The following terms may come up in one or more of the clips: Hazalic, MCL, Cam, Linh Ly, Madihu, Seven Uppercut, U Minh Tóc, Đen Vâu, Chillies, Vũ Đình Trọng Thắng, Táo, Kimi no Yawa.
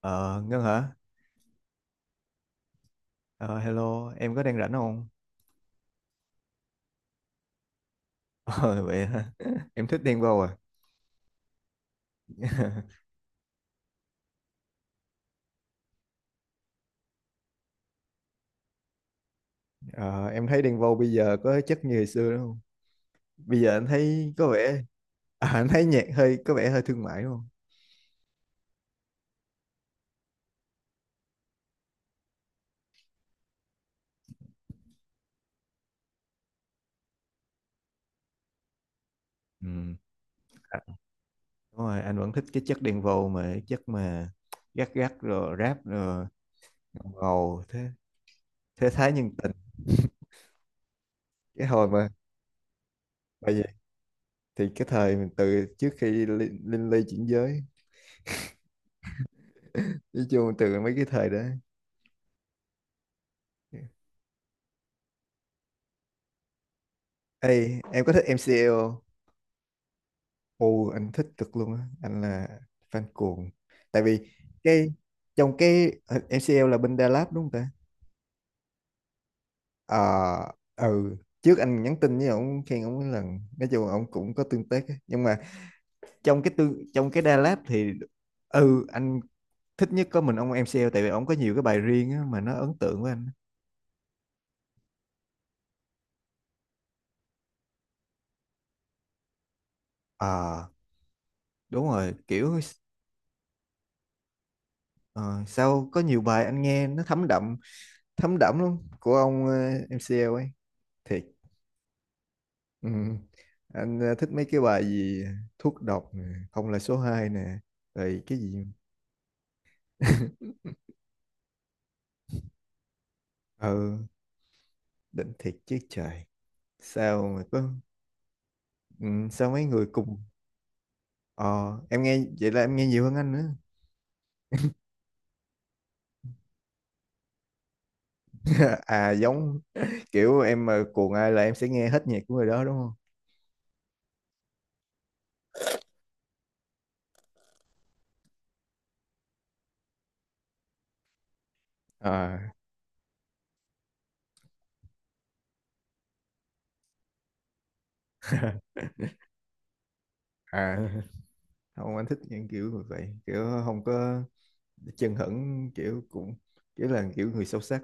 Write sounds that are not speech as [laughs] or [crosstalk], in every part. Ờ, Ngân hả? Ờ, Hello, em có đang rảnh không? [laughs] Ờ, Vậy hả? [laughs] Em thích Đen Vâu à? [laughs] Ờ, em thấy Đen Vâu bây giờ có chất như hồi xưa đúng không? Bây giờ anh thấy có vẻ... [laughs] À, anh thấy nhạc hơi có vẻ hơi thương mại đúng không? Ừ. À, đúng rồi, anh vẫn thích cái chất Đen Vâu, mà cái chất mà gắt gắt rồi rap rồi ngầu ngầu, thế thế thái nhân tình cái hồi mà bởi vậy, thì cái thời mình từ trước khi Linh, Linh Ly chuyển giới, nói chung từ mấy cái thời đó. Ê, em có thích MCL không? Ồ, anh thích cực luôn á, anh là fan cuồng. Tại vì cái trong cái MCL là bên Đà Lạt đúng không ta? Ờ, ừ, trước anh nhắn tin với ông khen ông cái lần, nói chung là ông cũng có tương tác á. Nhưng mà trong cái tương trong cái Đà Lạt thì ừ anh thích nhất có mình ông MCL, tại vì ông có nhiều cái bài riêng á, mà nó ấn tượng với anh. Ờ, đúng rồi, kiểu ờ, sao có nhiều bài anh nghe nó thấm đậm luôn của ông MCL ấy. Thiệt. Ừ. Anh thích mấy cái bài gì thuốc độc nè, không là số hai nè, rồi cái gì. [laughs] Ừ, đỉnh thiệt chứ trời. Sao mà có ừ, sao mấy người cùng ờ em nghe vậy là em nghe nhiều hơn anh nữa. [laughs] À giống kiểu em mà cuồng ai là em sẽ nghe hết nhạc của người đó đúng không? À, [laughs] à không, anh thích những kiểu như vậy, kiểu không có chân hững kiểu cũng kiểu là kiểu người sâu sắc,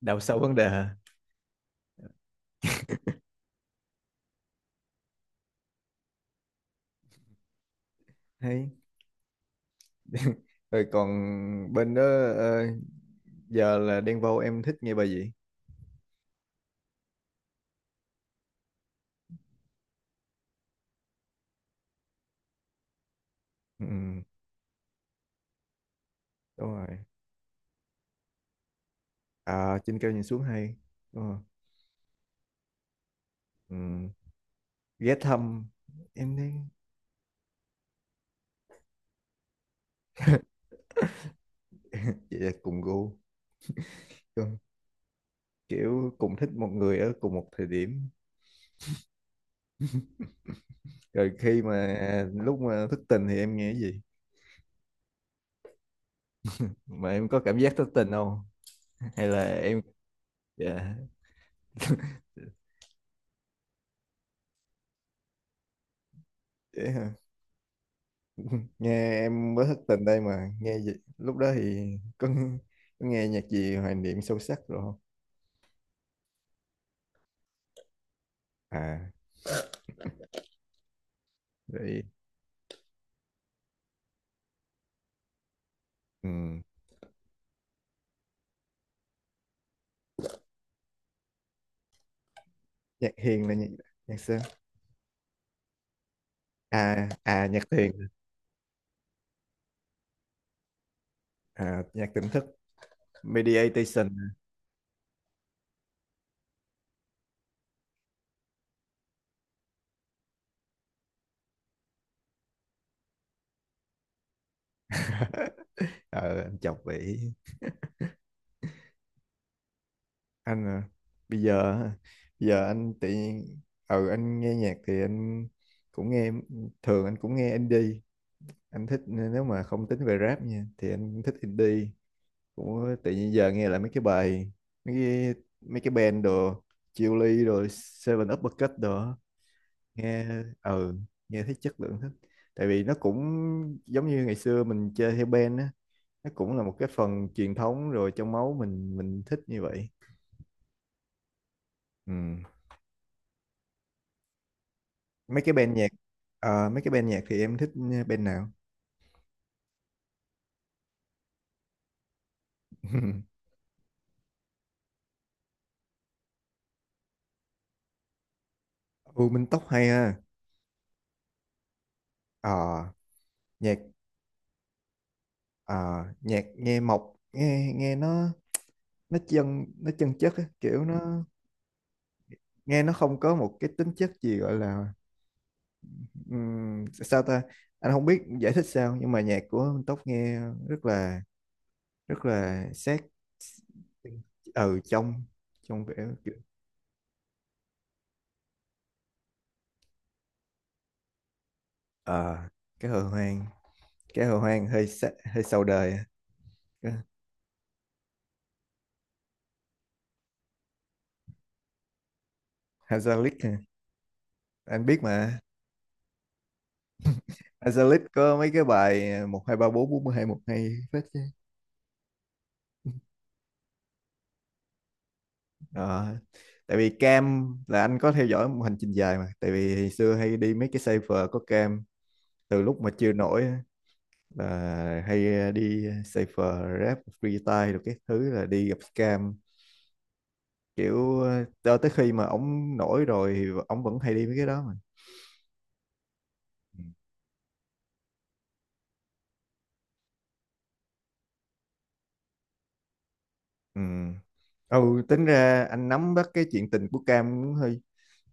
đào sâu vấn đề hả? Hay rồi còn bên đó ờ, giờ là đang vâu, em thích nghe bài gì? Ừ, ừ, đúng rồi. À, trên cao nhìn xuống hay. Đúng rồi. Ừ. Ghé thăm em đang vậy là cùng gu. Đúng không? Kiểu cùng thích một người ở cùng một thời điểm. Rồi khi mà lúc mà thức tình thì em nghe cái gì? Mà em có cảm giác thức tình không? Hay là em dạ dễ hả? Nghe em mới thức tình đây mà nghe gì? Lúc đó thì có nghe nhạc gì hoài niệm sâu sắc rồi không? À rồi ừ. Nhạc hiền là nhạc nhạc sao à à nhạc thiền. À, nhạc tỉnh thức, meditation. [laughs] Ờ anh chọc vậy. Anh à, bây giờ á, bây giờ anh tự nhiên, ừ anh nghe nhạc thì anh cũng nghe, thường anh cũng nghe indie. Anh thích nếu mà không tính về rap nha thì anh cũng thích indie, cũng tự nhiên giờ nghe lại mấy cái bài mấy cái mấy cái band đồ, Chillies rồi Seven Uppercut đồ á. Nghe ừ nghe thấy chất lượng thích, tại vì nó cũng giống như ngày xưa mình chơi theo band á, nó cũng là một cái phần truyền thống rồi, trong máu mình thích như vậy. Ừ. Mấy cái band nhạc mấy cái band nhạc thì em thích band nào? [laughs] U Minh Tóc hay ha. Ờ nhạc ờ, nhạc nghe mộc nghe nghe nó chân chất á, kiểu nó nghe nó không có một cái tính chất gì gọi là sao ta, anh không biết giải thích sao nhưng mà nhạc của Minh Tóc nghe rất là rất là sát ở trong trong vẻ kiểu- ờ, cái hồ hoang, cái hồ hoang hơi sa, hơi sau đời. Hazalic hả? Anh biết mà. Hazalic có mấy cái bài một hai ba bốn bốn mươi hai một hay phết chứ. Ờ, tại vì Cam là anh có theo dõi một hành trình dài, mà tại vì hồi xưa hay đi mấy cái cipher có Cam từ lúc mà chưa nổi á, là hay đi cipher rap freestyle, được cái thứ là đi gặp Cam, kiểu cho tới khi mà ổng nổi rồi thì ổng vẫn hay đi mấy cái đó mà. Ừ. Ừ tính ra anh nắm bắt cái chuyện tình của Cam cũng hơi,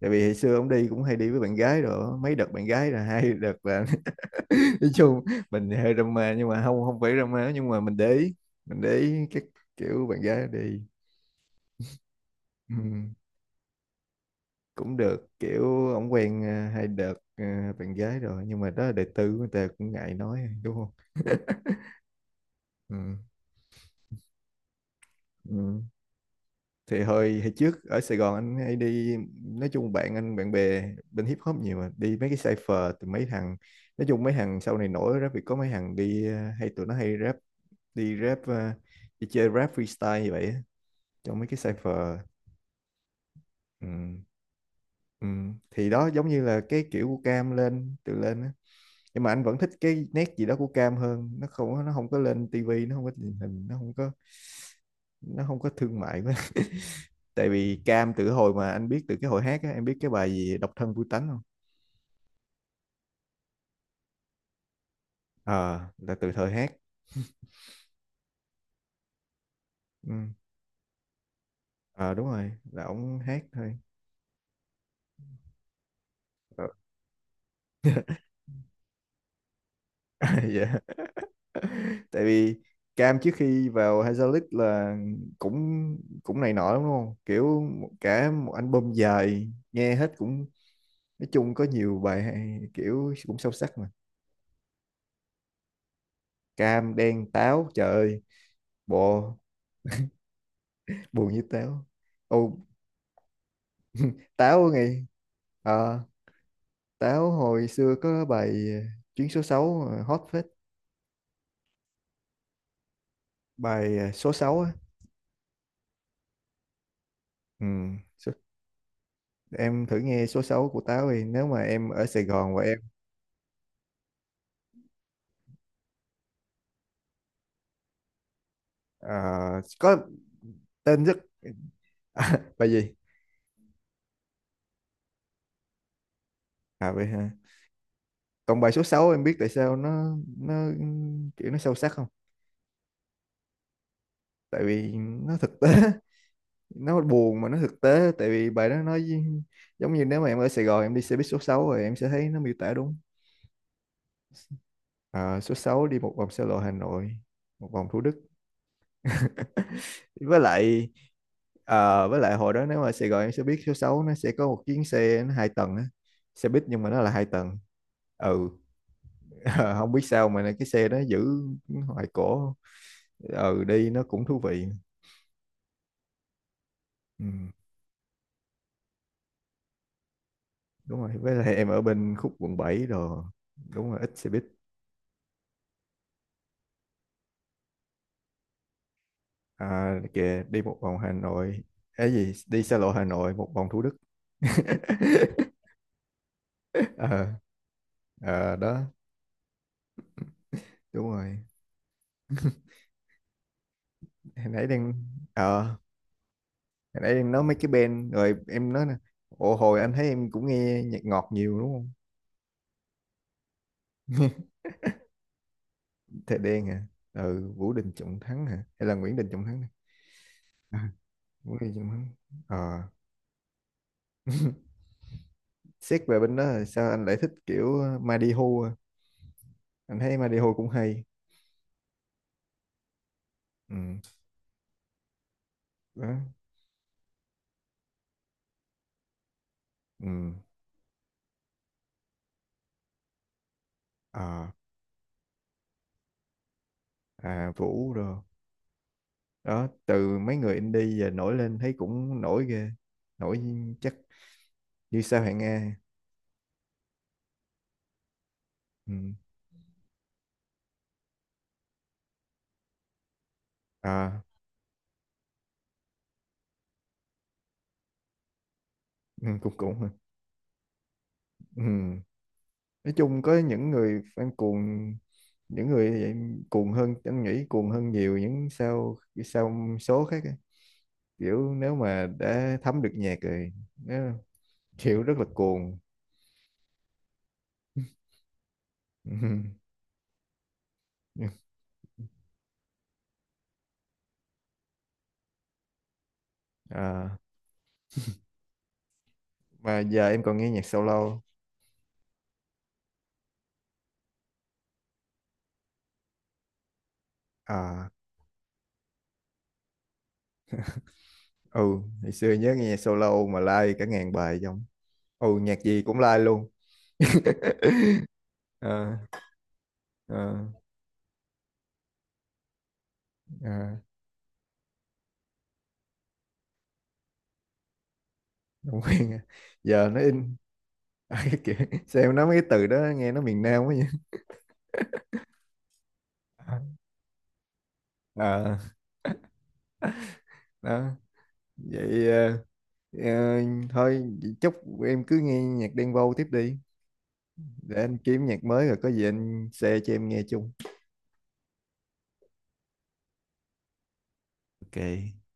tại vì hồi xưa ổng đi cũng hay đi với bạn gái rồi á, mấy đợt bạn gái là [laughs] hai đợt là [laughs] nói chung mình hơi drama, nhưng mà không không phải drama, nhưng mà mình để ý các kiểu bạn gái đi. Ừ. Cũng được kiểu ổng quen hai đợt bạn gái rồi, nhưng mà đó là đời tư của người ta cũng ngại nói đúng không. Ừ. Ừ. Thì hồi hồi trước ở Sài Gòn anh hay đi, nói chung bạn anh bạn bè bên hip hop nhiều mà, đi mấy cái cypher từ mấy thằng, nói chung mấy thằng sau này nổi rap thì có mấy thằng đi hay tụi nó hay rap, đi rap đi chơi rap freestyle như vậy á, trong mấy cái cypher. Ừ. Ừ. Thì đó giống như là cái kiểu của Cam lên từ lên á. Nhưng mà anh vẫn thích cái nét gì đó của Cam hơn, nó không có lên tivi, nó không có truyền hình, nó không có thương mại quá, tại vì Cam từ hồi mà anh biết từ cái hồi hát á, em biết cái bài gì độc thân vui tánh không? Ờ là từ thời hát. Ừ. Ờ đúng rồi là ổng hát thôi. Ờ, [laughs] dạ, tại vì Cam trước khi vào Hazelit là cũng cũng này nọ lắm đúng không, kiểu một- cả một album dài nghe hết cũng, nói chung có nhiều bài hay, kiểu cũng sâu sắc mà. Cam đen táo trời ơi bộ buồn như táo. Ô táo ngày. Táo hồi xưa có bài chuyến số 6 hot phết. Bài số 6 á. Ừ. Số- em thử nghe số 6 của Táo thì nếu mà em ở Sài Gòn và em ờ, có tên rất. [laughs] À, bài gì. À vậy hả. Còn bài số sáu em biết tại sao nó kiểu nó sâu sắc không? Tại vì nó thực tế [laughs] nó buồn mà nó thực tế, tại vì bài đó nói với- giống như nếu mà em ở Sài Gòn em đi xe buýt số 6 rồi em sẽ thấy nó miêu tả đúng. Ờ, số 6 đi một vòng xe lộ Hà Nội, một vòng Thủ Đức. [laughs] Với lại với lại hồi đó nếu mà Sài Gòn em sẽ biết số 6 nó sẽ có một chuyến xe nó hai tầng á, xe buýt nhưng mà nó là hai tầng. Ừ. [laughs] Không biết sao mà cái xe đó giữ hoài cổ, ừ đi nó cũng thú vị. Ừ, đúng rồi với lại em ở bên khúc quận 7 rồi, đúng rồi ít xe buýt. À, kìa đi một vòng Hà Nội, cái gì đi xa lộ Hà Nội một vòng Thủ Đức. [laughs] Ờ ờ, đó đúng rồi. Hồi nãy đang ờ nãy em nói mấy cái band rồi em nói nè, ồ hồi anh thấy em cũng nghe nhạc ngọt nhiều đúng không. [laughs] Thề Đen hả. Ừ Vũ Đình Trọng Thắng hả hay là Nguyễn Đình Trọng Thắng nè? À, Vũ Đình Trọng Thắng. Ờ [laughs] xét về bên đó là sao anh lại thích kiểu Madihu à? Anh thấy Madihu cũng hay. Ừ đó. Ừ. Ờ, à Vũ rồi, đó từ mấy người indie giờ nổi lên thấy cũng nổi ghê, nổi chắc như sao hạng A. Ừ. À ừ, cũng cũng hả? Ừ. Nói chung có những người fan cuồng, những người thì cuồng hơn anh nghĩ, cuồng hơn nhiều những sao sao số khác á. Kiểu nếu mà đã thấm được nhạc rồi nó kiểu rất là cuồng. [laughs] À, mà giờ em còn nghe nhạc solo? À ừ ngày xưa nhớ nghe nhạc solo mà like cả ngàn bài trong, ừ nhạc gì cũng like luôn. [laughs] À, à, à, không quen à. Giờ nó in. [laughs] À, cái kiểu sao em nói mấy cái từ đó nghe nó miền Nam quá vậy. Ờ, đó vậy ờ, thôi vậy chúc em cứ nghe nhạc Đen Vâu tiếp đi, để anh kiếm nhạc mới rồi có gì anh share cho em nghe chung. Ok.